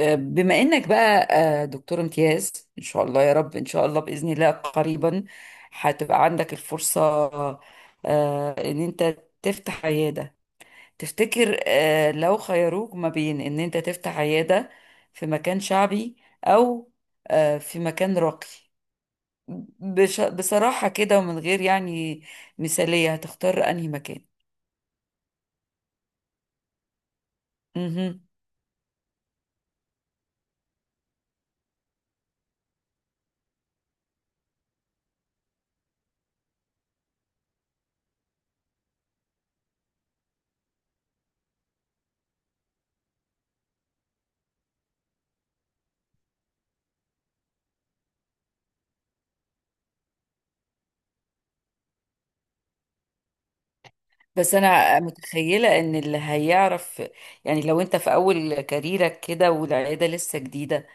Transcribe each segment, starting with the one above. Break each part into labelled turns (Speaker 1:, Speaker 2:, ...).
Speaker 1: بما انك بقى دكتور امتياز ان شاء الله يا رب ان شاء الله باذن الله قريبا هتبقى عندك الفرصه ان انت تفتح عياده تفتكر لو خيروك ما بين ان انت تفتح عياده في مكان شعبي او في مكان راقي بصراحه كده ومن غير يعني مثاليه هتختار انهي مكان مهم. بس انا متخيله ان اللي هيعرف يعني لو انت في اول كاريرك كده والعياده لسه جديده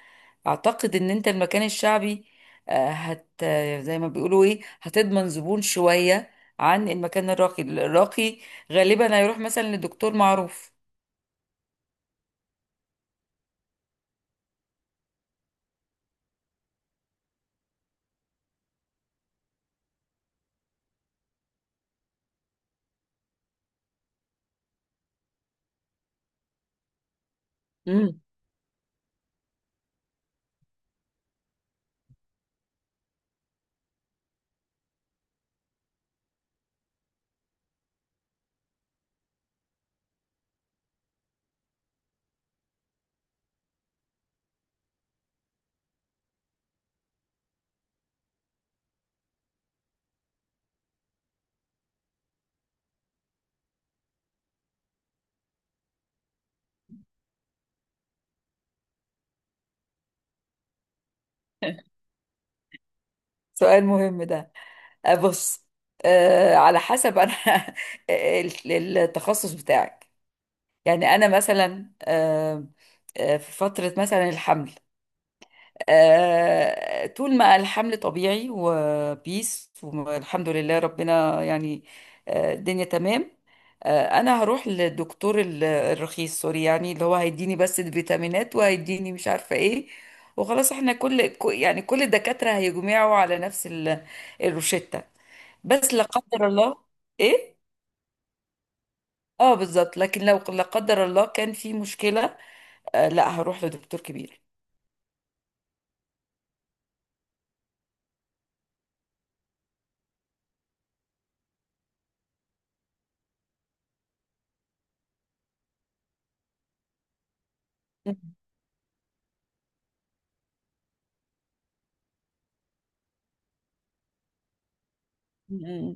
Speaker 1: اعتقد ان انت المكان الشعبي آه، هت آه، زي ما بيقولوا ايه هتضمن زبون شويه عن المكان الراقي الراقي غالبا هيروح مثلا لدكتور معروف. امم. سؤال مهم ده. بص، على حسب انا. التخصص بتاعك، يعني انا مثلا، في فتره مثلا الحمل، طول ما الحمل طبيعي وبيس والحمد لله ربنا يعني الدنيا تمام. انا هروح للدكتور الرخيص سوري يعني اللي هو هيديني بس الفيتامينات وهيديني مش عارفة ايه وخلاص احنا يعني كل الدكاترة هيجمعوا على نفس الروشتة. بس لا قدر الله. ايه، اه بالظبط. لكن لو لا قدر الله كان في مشكلة لا هروح لدكتور كبير. م- م- م.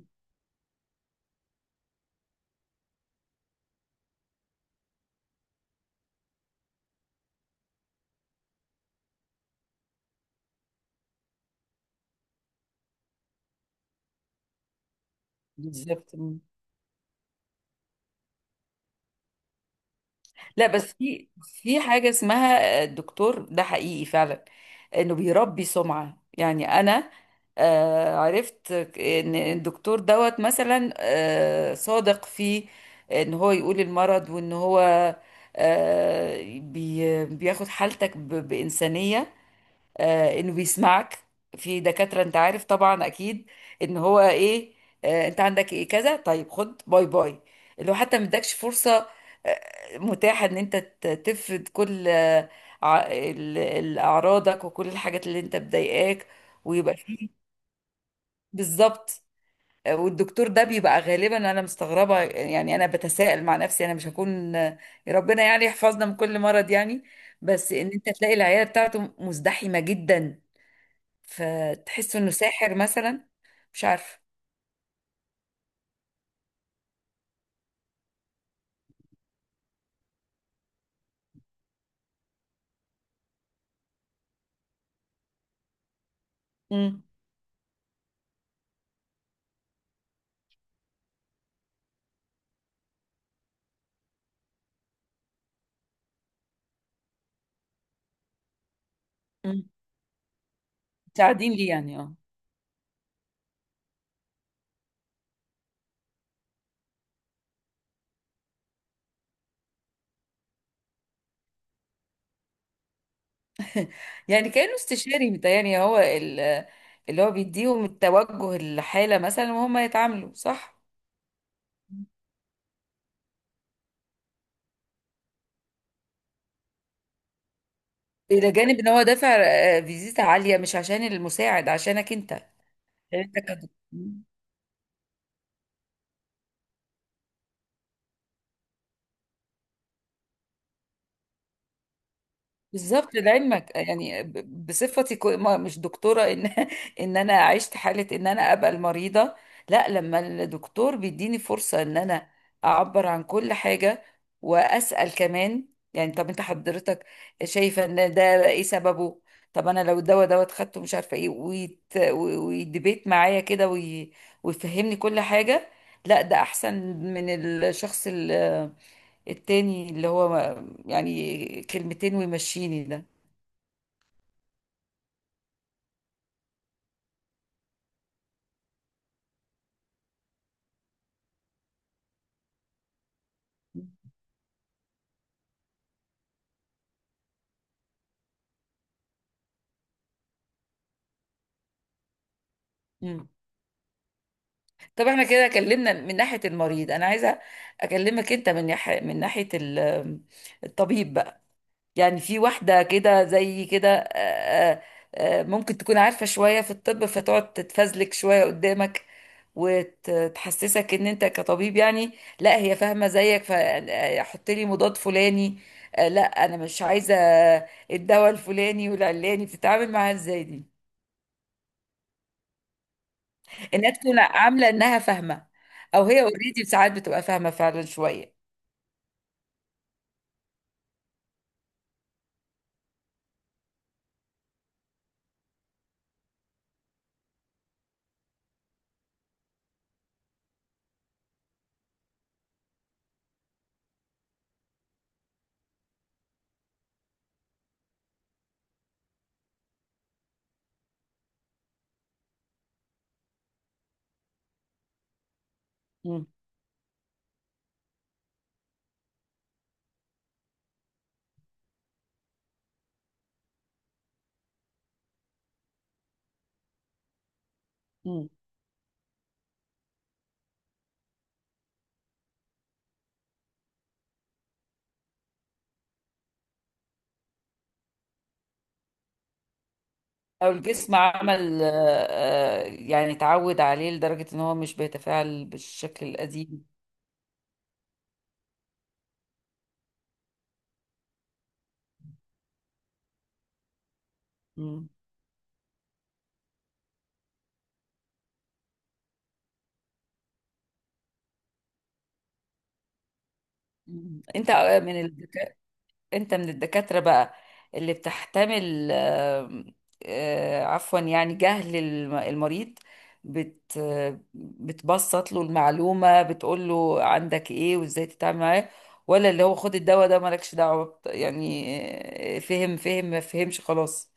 Speaker 1: بالظبط. لا بس في حاجة اسمها الدكتور ده حقيقي فعلا انه بيربي سمعة. يعني انا عرفت ان الدكتور دوت مثلا صادق في ان هو يقول المرض وان هو بياخد حالتك بإنسانية، انه بيسمعك. في دكاترة انت عارف طبعا اكيد ان هو ايه، انت عندك ايه كذا طيب خد باي باي، اللي هو حتى ما ادكش فرصة متاحة ان انت تفرد كل اعراضك وكل الحاجات اللي انت مضايقاك ويبقى فيه. بالظبط. والدكتور ده بيبقى غالبا انا مستغربة، يعني انا بتساءل مع نفسي انا مش هكون ربنا يعني يحفظنا من كل مرض يعني، بس ان انت تلاقي العيادة بتاعته مزدحمة جدا فتحس انه ساحر مثلا. مش عارفه. امم. امم، مساعدين ليه يعني اه. يعني كانه استشاري متهيألي هو اللي هو بيديهم التوجه الحالة مثلا وهم يتعاملوا صح. إلى جانب إن هو دافع فيزيتا عالية مش عشان المساعد عشانك أنت عشان أنت كدكتور. بالظبط لعلمك، يعني بصفتي مش دكتورة ان ان انا عشت حالة ان انا ابقى المريضة. لا لما الدكتور بيديني فرصة ان انا اعبر عن كل حاجة واسأل كمان، يعني طب انت حضرتك شايفة ان ده ايه سببه، طب انا لو الدواء دوت خدته مش عارفة ايه ويدبيت معايا كده ويفهمني كل حاجة، لا ده احسن من الشخص التاني اللي هو يعني كلمتين ويمشيني ده. مم. طب احنا كده اتكلمنا من ناحية المريض، انا عايزة اكلمك انت من ناحية من ناحية الطبيب بقى. يعني في واحدة كده زي كده ممكن تكون عارفة شوية في الطب فتقعد تتفزلك شوية قدامك وتحسسك ان انت كطبيب يعني لا هي فاهمة زيك فحط لي مضاد فلاني، لا انا مش عايزة الدواء الفلاني والعلاني، بتتعامل معاها ازاي دي؟ انها تكون عاملة انها فاهمة او هي اوريدي ساعات بتبقى فاهمة فعلا شوية. مم. مم. او الجسم عمل يعني اتعود عليه لدرجة ان هو مش بيتفاعل بالشكل القديم. مم. مم. انت من الدكا، انت من الدكاترة بقى اللي بتحتمل عفوا يعني جهل المريض، بت... بتبسط له المعلومة بتقول له عندك ايه وازاي تتعامل معاه، ولا اللي هو خد الدواء ده مالكش دعوة يعني فهم فهم ما فهمش خلاص.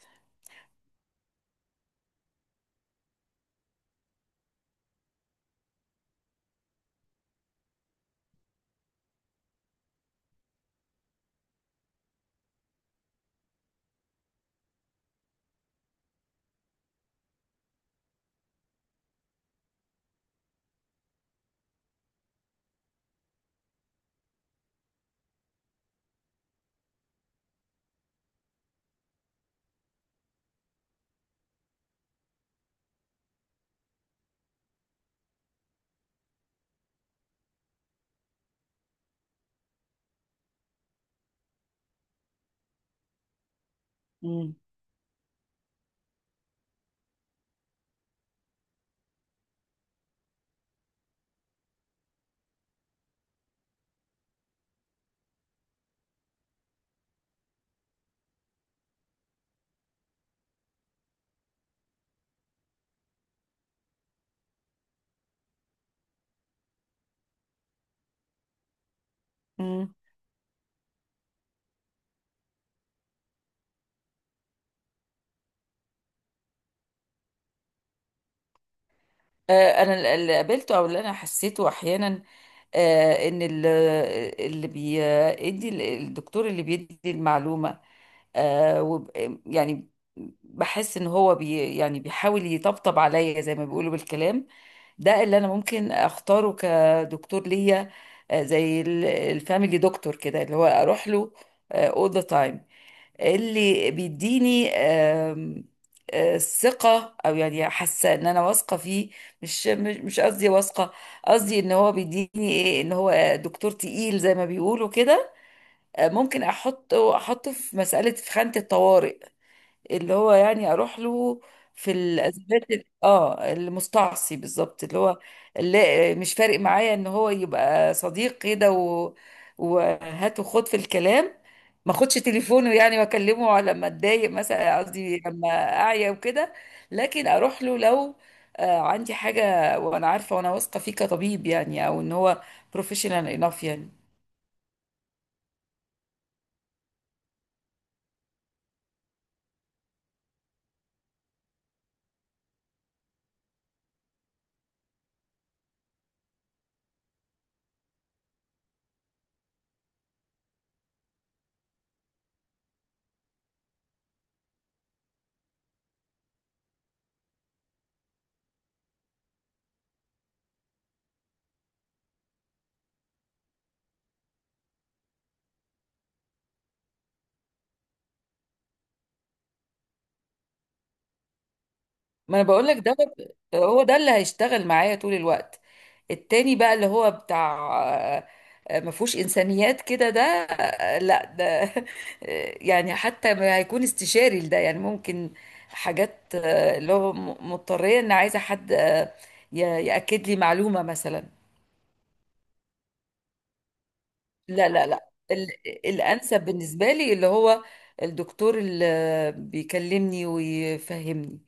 Speaker 1: مم. انا اللي قابلته او اللي انا حسيته احيانا ان اللي بيدي الدكتور اللي بيدي المعلومه آه، وب- يعني بحس ان هو بي يعني بيحاول يطبطب عليا زي ما بيقولوا بالكلام، ده اللي انا ممكن اختاره كدكتور ليا. زي الفاميلي دكتور كده اللي هو اروح له all the time، اللي بيديني آم، آه، ثقة أو يعني حاسة إن أنا واثقة فيه. مش قصدي واثقة، قصدي إن هو بيديني إيه إن هو دكتور تقيل زي ما بيقولوا كده ممكن أحطه في مسألة في خانة الطوارئ اللي هو يعني اروح له في الازمات اه المستعصي بالظبط، اللي هو اللي مش فارق معايا ان هو يبقى صديق كده و، وهات وخد في الكلام، ما اخدش تليفونه يعني واكلمه على لما اتضايق مثلا قصدي لما اعيا وكده، لكن اروح له لو عندي حاجه وانا عارفه وانا واثقه فيه كطبيب يعني او ان هو بروفيشنال انف يعني. ما انا بقول لك ده هو ده اللي هيشتغل معايا طول الوقت. التاني بقى اللي هو بتاع ما فيهوش انسانيات كده، ده لا ده يعني حتى ما هيكون استشاري لده يعني ممكن حاجات اللي هو مضطريه ان عايزه حد ي- ياكد لي معلومه مثلا. لا، الانسب بالنسبه لي اللي هو الدكتور اللي بيكلمني ويفهمني.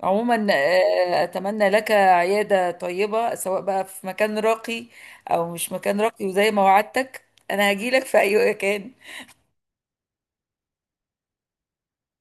Speaker 1: عموما اتمنى لك عياده طيبه سواء بقى في مكان راقي او مش مكان راقي، وزي ما وعدتك انا هجيلك في اي مكان.